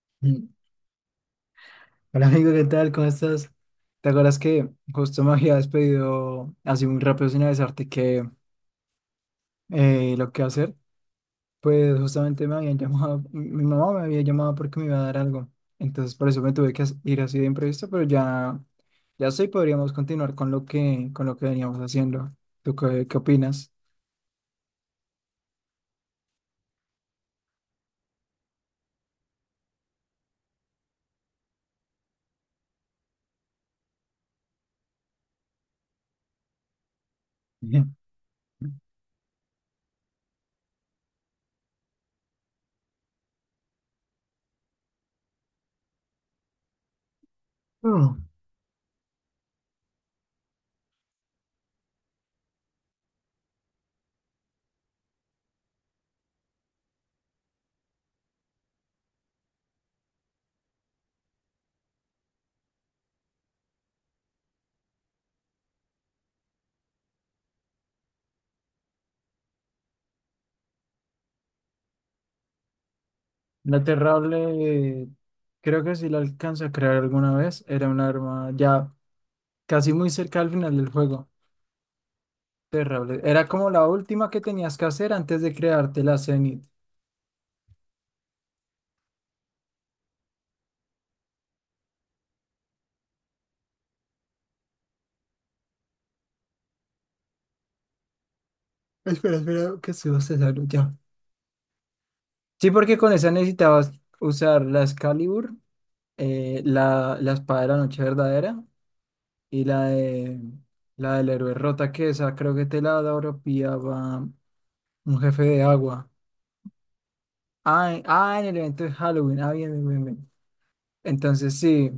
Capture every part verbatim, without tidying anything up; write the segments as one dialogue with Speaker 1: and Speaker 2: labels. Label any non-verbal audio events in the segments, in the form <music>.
Speaker 1: <laughs> Mm. Hola, amigo, ¿qué tal? ¿Cómo estás? ¿Te acuerdas que justo me habías pedido así muy rápido sin avisarte que eh, lo que hacer? Pues justamente me habían llamado, mi mi mamá me había llamado porque me iba a dar algo. Entonces por eso me tuve que as- ir así de imprevisto, pero ya, ya sí podríamos continuar con lo que, con lo que veníamos haciendo. ¿Tú qué, qué opinas? <laughs> Bien. Mm. La Terrable, creo que sí la alcanza a crear alguna vez. Era un arma ya casi muy cerca al final del juego. Terrible. Era como la última que tenías que hacer antes de crearte la Zenith. Espera, espera, que se se ya. Sí, porque con esa necesitabas usar la Excalibur, eh, la, la espada de la noche verdadera y la de la del héroe rota, que esa creo que te la dropeaba un jefe de agua. Ah, en, ah, en el evento de Halloween. Ah, bien, bien, bien, bien. Entonces sí.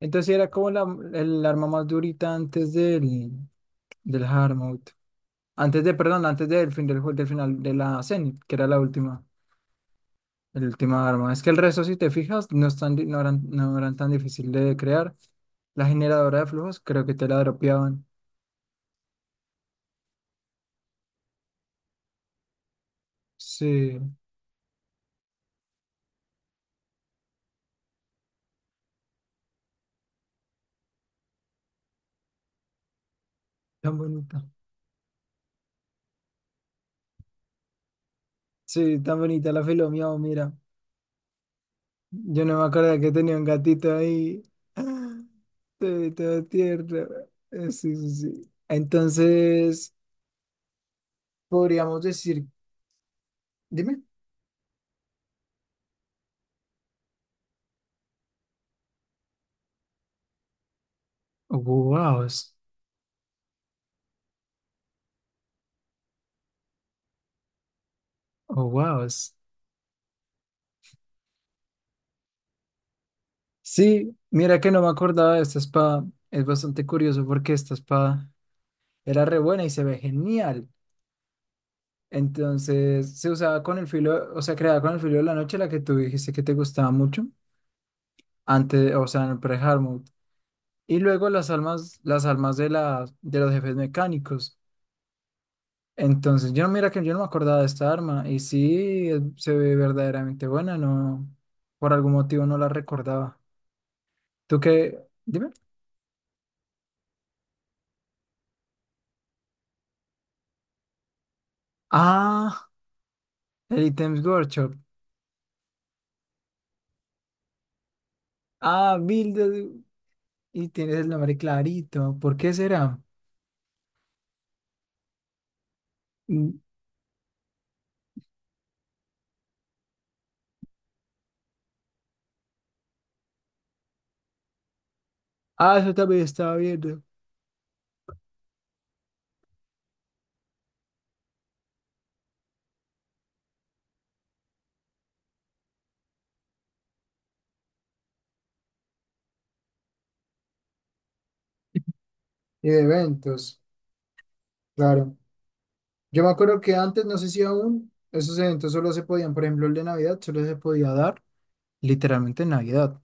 Speaker 1: Entonces sí era como la, el arma más durita antes del, del Hard Mode. Antes de, perdón, antes del fin del, jue- del final de la Zenith, que era la última, el última arma. Es que el resto, si te fijas, no, están, di- no, eran, no eran tan difícil de crear. La generadora de flujos, creo que te la dropeaban. Sí, tan bonita. Sí, tan bonita la filo miau, mira. Yo no me acuerdo que tenía un gatito ahí. <gasps> Todo, todo tierno. Eh, Sí, sí, sí. Entonces, podríamos decir, dime. Oh, wow. Oh, wow. Sí, mira que no me acordaba de esta espada. Es bastante curioso porque esta espada era re buena y se ve genial. Entonces se usaba con el filo, o sea, creada con el filo de la noche, la que tú dijiste que te gustaba mucho, antes, o sea, en el pre-Hardmode. Y luego las almas, las almas de, las de los jefes mecánicos. Entonces, yo no, mira que yo no me acordaba de esta arma y sí, es- se ve verdaderamente buena, no, por algún motivo no la recordaba. ¿Tú qué? Dime. Ah, el items Workshop. Ah, Mildred, y tienes el nombre clarito. ¿Por qué será? Mm, Ah, eso también estaba viendo. Y de eventos, claro. Yo me acuerdo que antes, no sé si aún, esos eventos solo se podían, por ejemplo, el de Navidad, solo se podía dar literalmente en Navidad,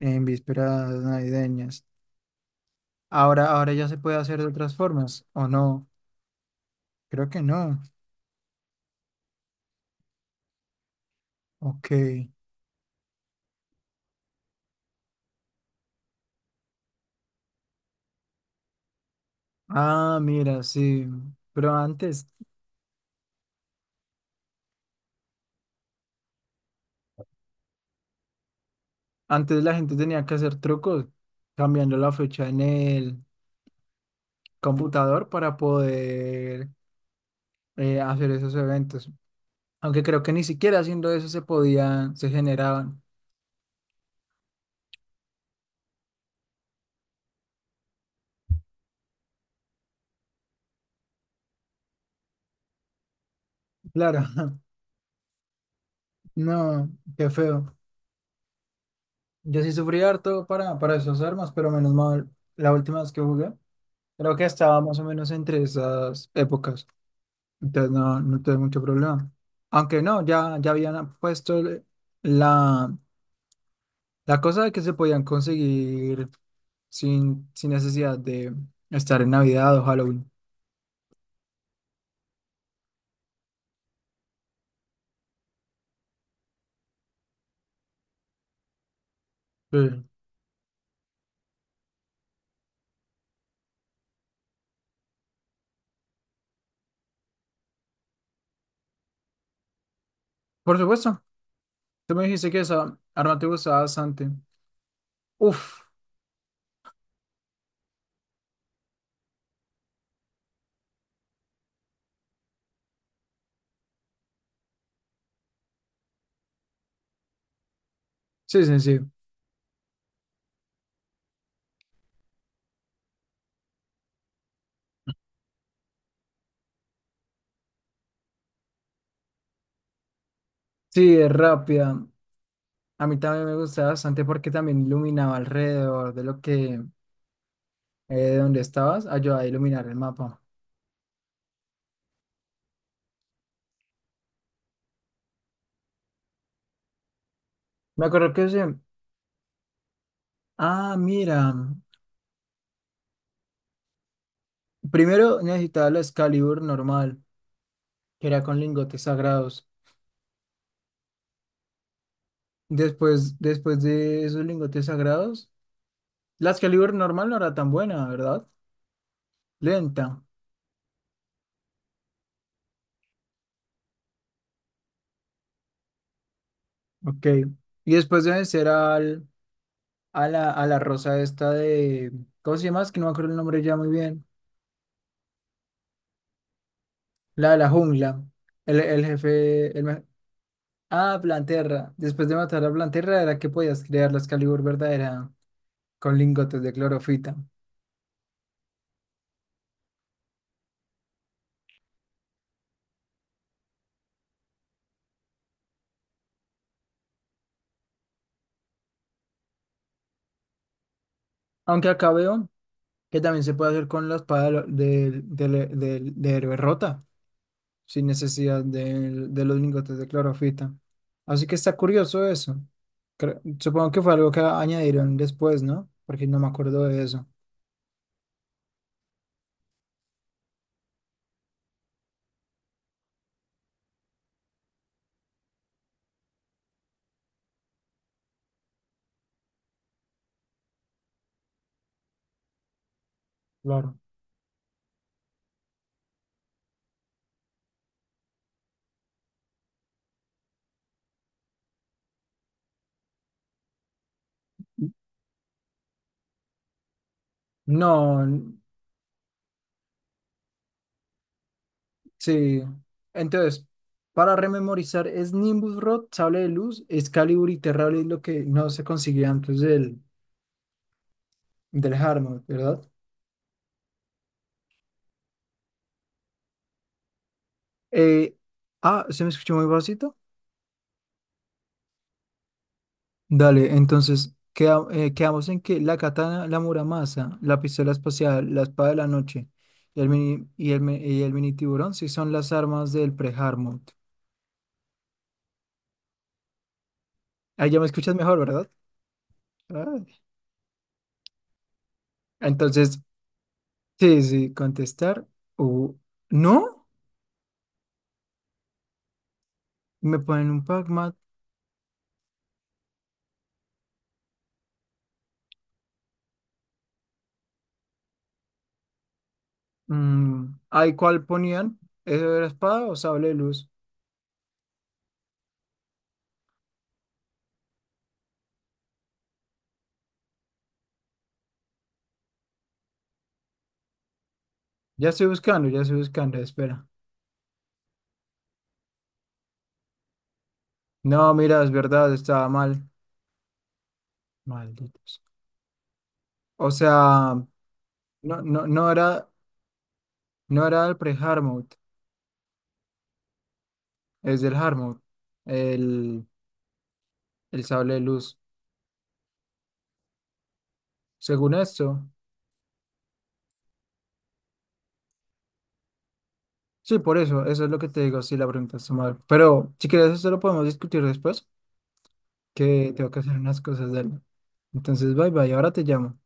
Speaker 1: en vísperas navideñas. Ahora, ahora ya se puede hacer de otras formas, ¿o no? Creo que no. Ok. Ah, mira, sí. Pero antes, antes la gente tenía que hacer trucos, cambiando la fecha en el computador para poder eh, hacer esos eventos. Aunque creo que ni siquiera haciendo eso se podían, se generaban. Claro, <laughs> no, qué feo. Yo sí sufrí harto para, para esas armas, pero menos mal, la última vez que jugué, creo que estaba más o menos entre esas épocas. Entonces no, no tuve mucho problema. Aunque no, ya, ya habían puesto el- la, la cosa de que se podían conseguir sin, sin necesidad de estar en Navidad o Halloween. Sí. Por supuesto, tú me dijiste que esa arma te gustaba bastante. Uf, sí, sí, sí. Sí, es rápida. A mí también me gustaba bastante porque también iluminaba alrededor de lo que, eh, de donde estabas, ayudaba a iluminar el mapa. Me acuerdo que ese, ah, mira, primero necesitaba la Excalibur normal, que era con lingotes sagrados. Después, después de esos lingotes sagrados, la Excalibur normal no era tan buena, ¿verdad? Lenta. Ok. Y después de vencer al a la, a la rosa esta de, ¿cómo se llama? Es que no me acuerdo el nombre ya muy bien. La de la jungla, el, el jefe, el, me- ah, Planterra. Después de matar a Planterra era que podías crear la Excalibur verdadera con lingotes de clorofita. Aunque acá veo que también se puede hacer con la espada del del del- del- de héroe rota, sin necesidad de, de los lingotes de clorofita. Así que está curioso eso. Cre- supongo que fue algo que añadieron después, ¿no? Porque no me acuerdo de eso. Claro. No, n- sí. Entonces, para rememorizar, es Nimbus Rod, Sable de Luz, Excalibur y Terrable es lo que no se conseguía antes del, del Hardmode, ¿verdad? Eh, ah, ¿se me escuchó muy bajito? Dale, entonces queda- eh, quedamos en que la katana, la muramasa, la pistola espacial, la espada de la noche y el mini, y el, me- y el mini tiburón sí son las armas del pre-Hardmode. Ahí ya me escuchas mejor, ¿verdad? Ah, entonces, sí, sí, contestar. O ¿no? Me ponen un Pac-Man. Mm, ¿ahí cuál ponían? ¿Eso era espada o sable de luz? Ya estoy buscando, ya estoy buscando, espera. No, mira, es verdad, estaba mal. Malditos. O sea, no, no, no era, no era el pre-hard mode, es del hard mode, el, el sable de luz. Según esto, sí, por eso, eso es lo que te digo, sí, la pregunta está mal. Pero si quieres, eso lo podemos discutir después, que tengo que hacer unas cosas de él. Entonces, bye bye, ahora te llamo.